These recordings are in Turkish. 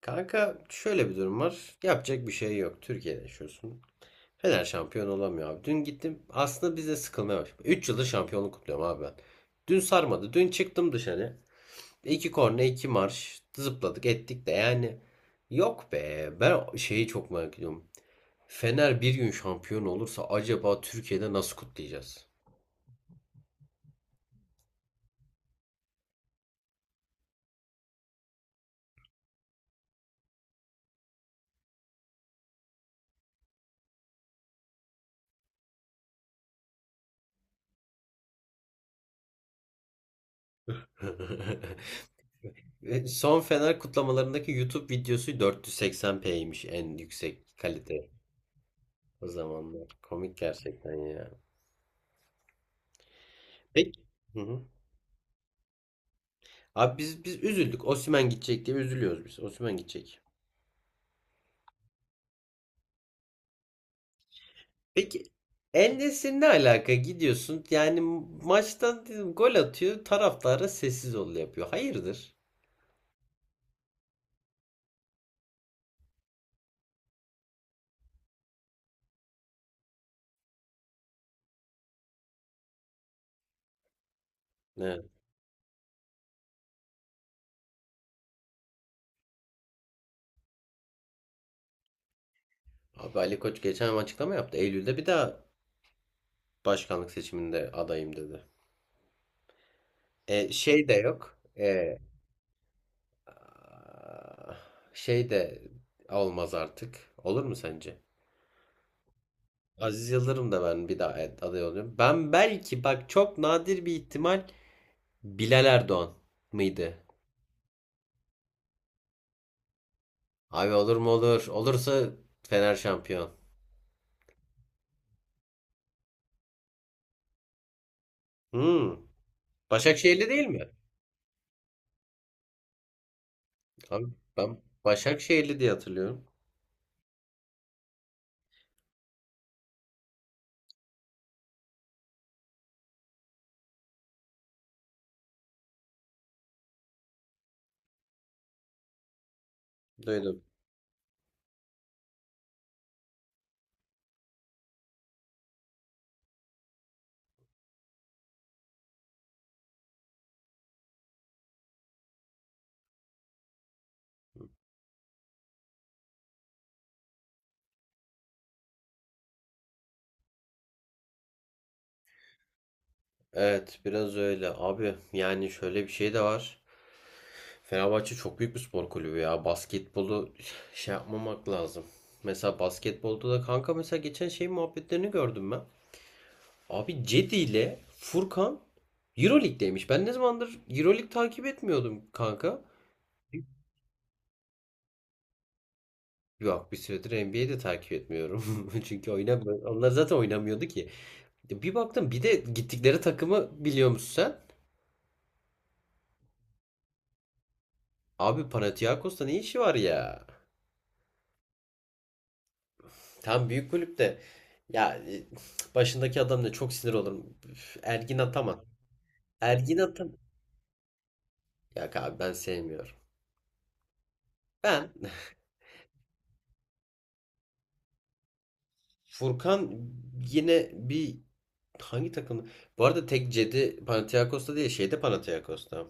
Kanka şöyle bir durum var. Yapacak bir şey yok. Türkiye'de yaşıyorsun. Fener şampiyon olamıyor abi. Dün gittim. Aslında biz de sıkılmaya başladık. 3 yıldır şampiyonluk kutluyorum abi ben. Dün sarmadı. Dün çıktım dışarı. İki korne, iki marş. Zıpladık ettik de yani. Yok be. Ben şeyi çok merak ediyorum. Fener bir gün şampiyon olursa acaba Türkiye'de nasıl kutlayacağız? Son Fener kutlamalarındaki YouTube videosu 480p'ymiş en yüksek kalite. O zamanlar. Komik gerçekten ya. Peki. Hı hı. Abi biz üzüldük. Osimhen gidecek diye üzülüyoruz biz. Osimhen gidecek. Peki, En ne alaka gidiyorsun? Yani maçtan dedim, gol atıyor. Taraftara sessiz ol yapıyor. Hayırdır? Ne? Abi Ali Koç geçen ay açıklama yaptı. Eylül'de bir daha başkanlık seçiminde adayım dedi. E, şey de yok. E, şey de olmaz artık. Olur mu sence? Aziz Yıldırım da ben bir daha, evet, aday oluyorum. Ben belki bak, çok nadir bir ihtimal, Bilal Erdoğan mıydı? Abi olur mu olur. Olursa Fener şampiyon. Hmm. Başakşehirli değil mi? Abi ben Başakşehirli diye hatırlıyorum. Duydum. Evet, biraz öyle. Abi yani şöyle bir şey de var. Fenerbahçe çok büyük bir spor kulübü ya. Basketbolu şey yapmamak lazım. Mesela basketbolda da kanka mesela geçen şey muhabbetlerini gördüm ben. Abi Cedi ile Furkan Euroleague'deymiş. Ben ne zamandır Euroleague takip etmiyordum kanka. Yok, bir süredir NBA'de takip etmiyorum. Çünkü oynamıyor. Onlar zaten oynamıyordu ki. Bir baktım, bir de gittikleri takımı biliyor musun sen? Abi Panathinaikos'ta ne işi var ya? Tam büyük kulüpte. Ya, başındaki adam da çok sinir olurum. Üf, Ergin Ataman. Ergin Ataman. Ya abi ben sevmiyorum. Ben Furkan yine bir, hangi takım? Bu arada tek cedi Panathinaikos'ta değil, şeyde Panathinaikos'ta.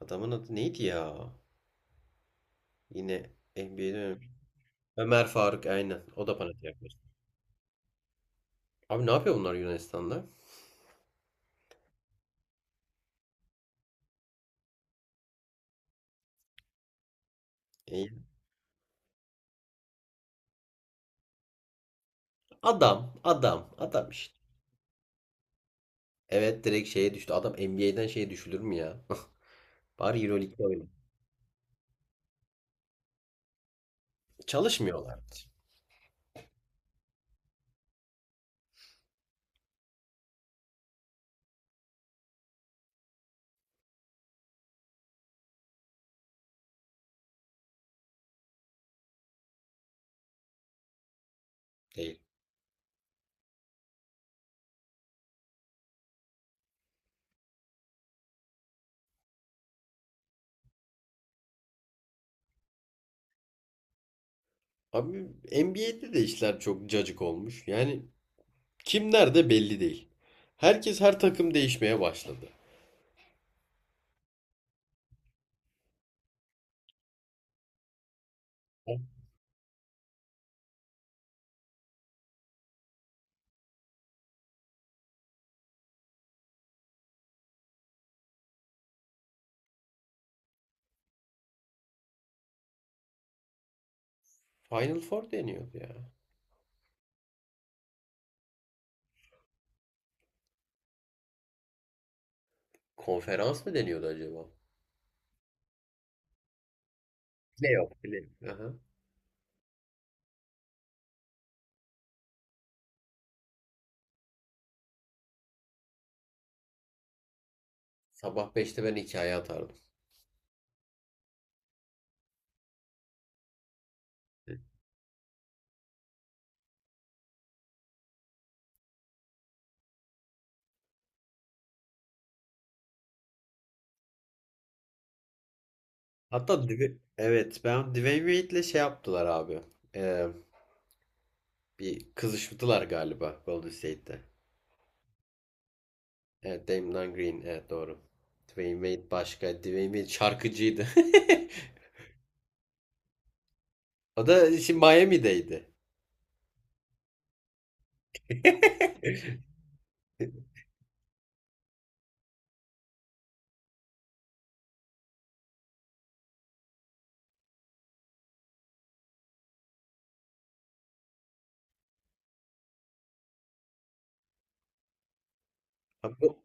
Adamın adı neydi ya? Yine NBA'de. Ömer Faruk, aynen. O da Panathinaikos. Abi ne yapıyor bunlar Yunanistan'da? E, adam, adam, adam işte. Evet, direkt şeye düştü. Adam NBA'den şeye düşülür mü ya? Bari EuroLeague'de oyna. Çalışmıyorlar. Değil. Abi NBA'de de işler çok cacık olmuş. Yani kim nerede belli değil. Herkes her takım değişmeye başladı. Final Four deniyordu ya. Konferans mı deniyordu acaba? Playoff, playoff. Aha. Sabah 5'te ben hikaye atardım. Hatta evet, ben Dwayne Wade'le şey yaptılar abi. Ee, Bir kızıştılar galiba Golden State'te. Evet, Damian Green, evet doğru. Dwayne Wade başka. Dwayne Wade şarkıcıydı. O da şimdi Miami'deydi. Ha,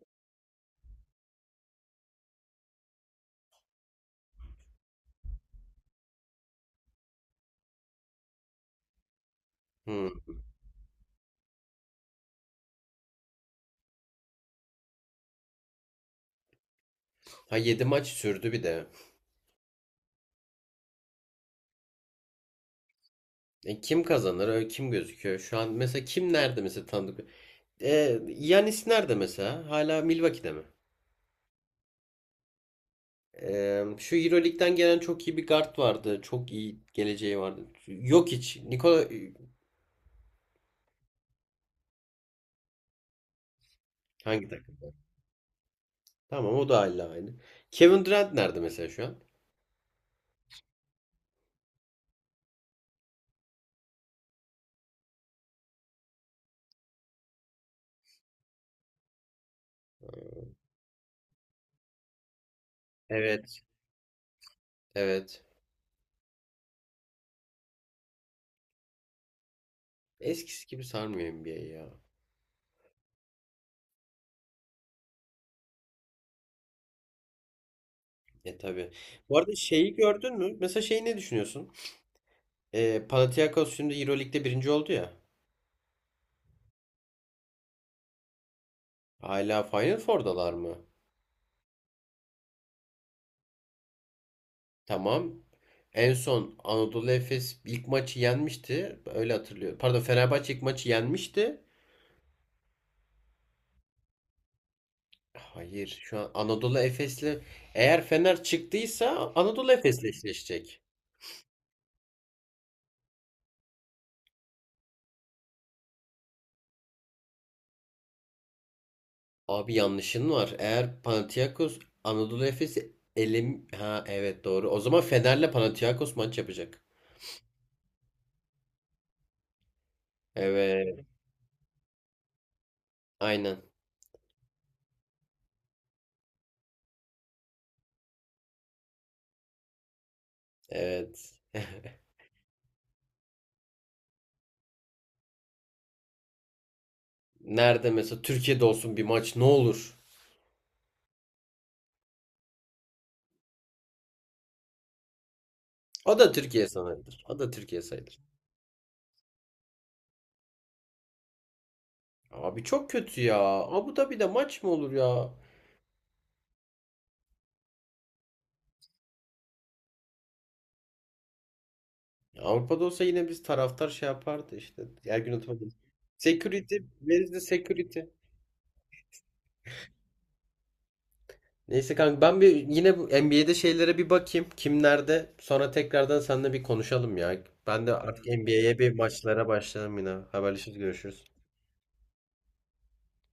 Hmm. Ha, 7 maç sürdü bir de. E, kim kazanır? Öyle kim gözüküyor? Şu an mesela kim nerede mesela, tanıdık? E, Giannis nerede mesela? Hala Milwaukee'de mi? E, şu Euroleague'den gelen çok iyi bir guard vardı. Çok iyi geleceği vardı. Yok, hiç. Nikola, hangi takım? Tamam, o da hala aynı. Kevin Durant nerede mesela şu an? Evet. Evet. Eskisi gibi sarmıyor NBA ya. E tabii. Bu arada şeyi gördün mü? Mesela şeyi ne düşünüyorsun? E, Panathinaikos şimdi Euroleague'de birinci oldu ya. Hala Final Four'dalar mı? Tamam. En son Anadolu Efes ilk maçı yenmişti. Öyle hatırlıyorum. Pardon, Fenerbahçe ilk maçı yenmişti. Hayır, şu an Anadolu Efes'le, eğer Fener çıktıysa Anadolu Efes'le eşleşecek. Abi yanlışın var. Eğer Panathinaikos Anadolu Efes'i elim, ha evet doğru. O zaman Fener'le Panathinaikos maç yapacak. Evet, aynen. Evet. Nerede mesela, Türkiye'de olsun bir maç ne olur? O da Türkiye sayılır. O da Türkiye sayılır. Abi çok kötü ya. Abu Dhabi'de maç mı olur ya? Avrupa'da olsa yine biz taraftar şey yapardı işte. Her gün atamadım. Security. Where is the security? Neyse kanka, ben bir yine bu NBA'de şeylere bir bakayım. Kim nerede? Sonra tekrardan seninle bir konuşalım ya. Ben de artık NBA'ye bir maçlara başlayalım yine. Haberleşiriz, görüşürüz.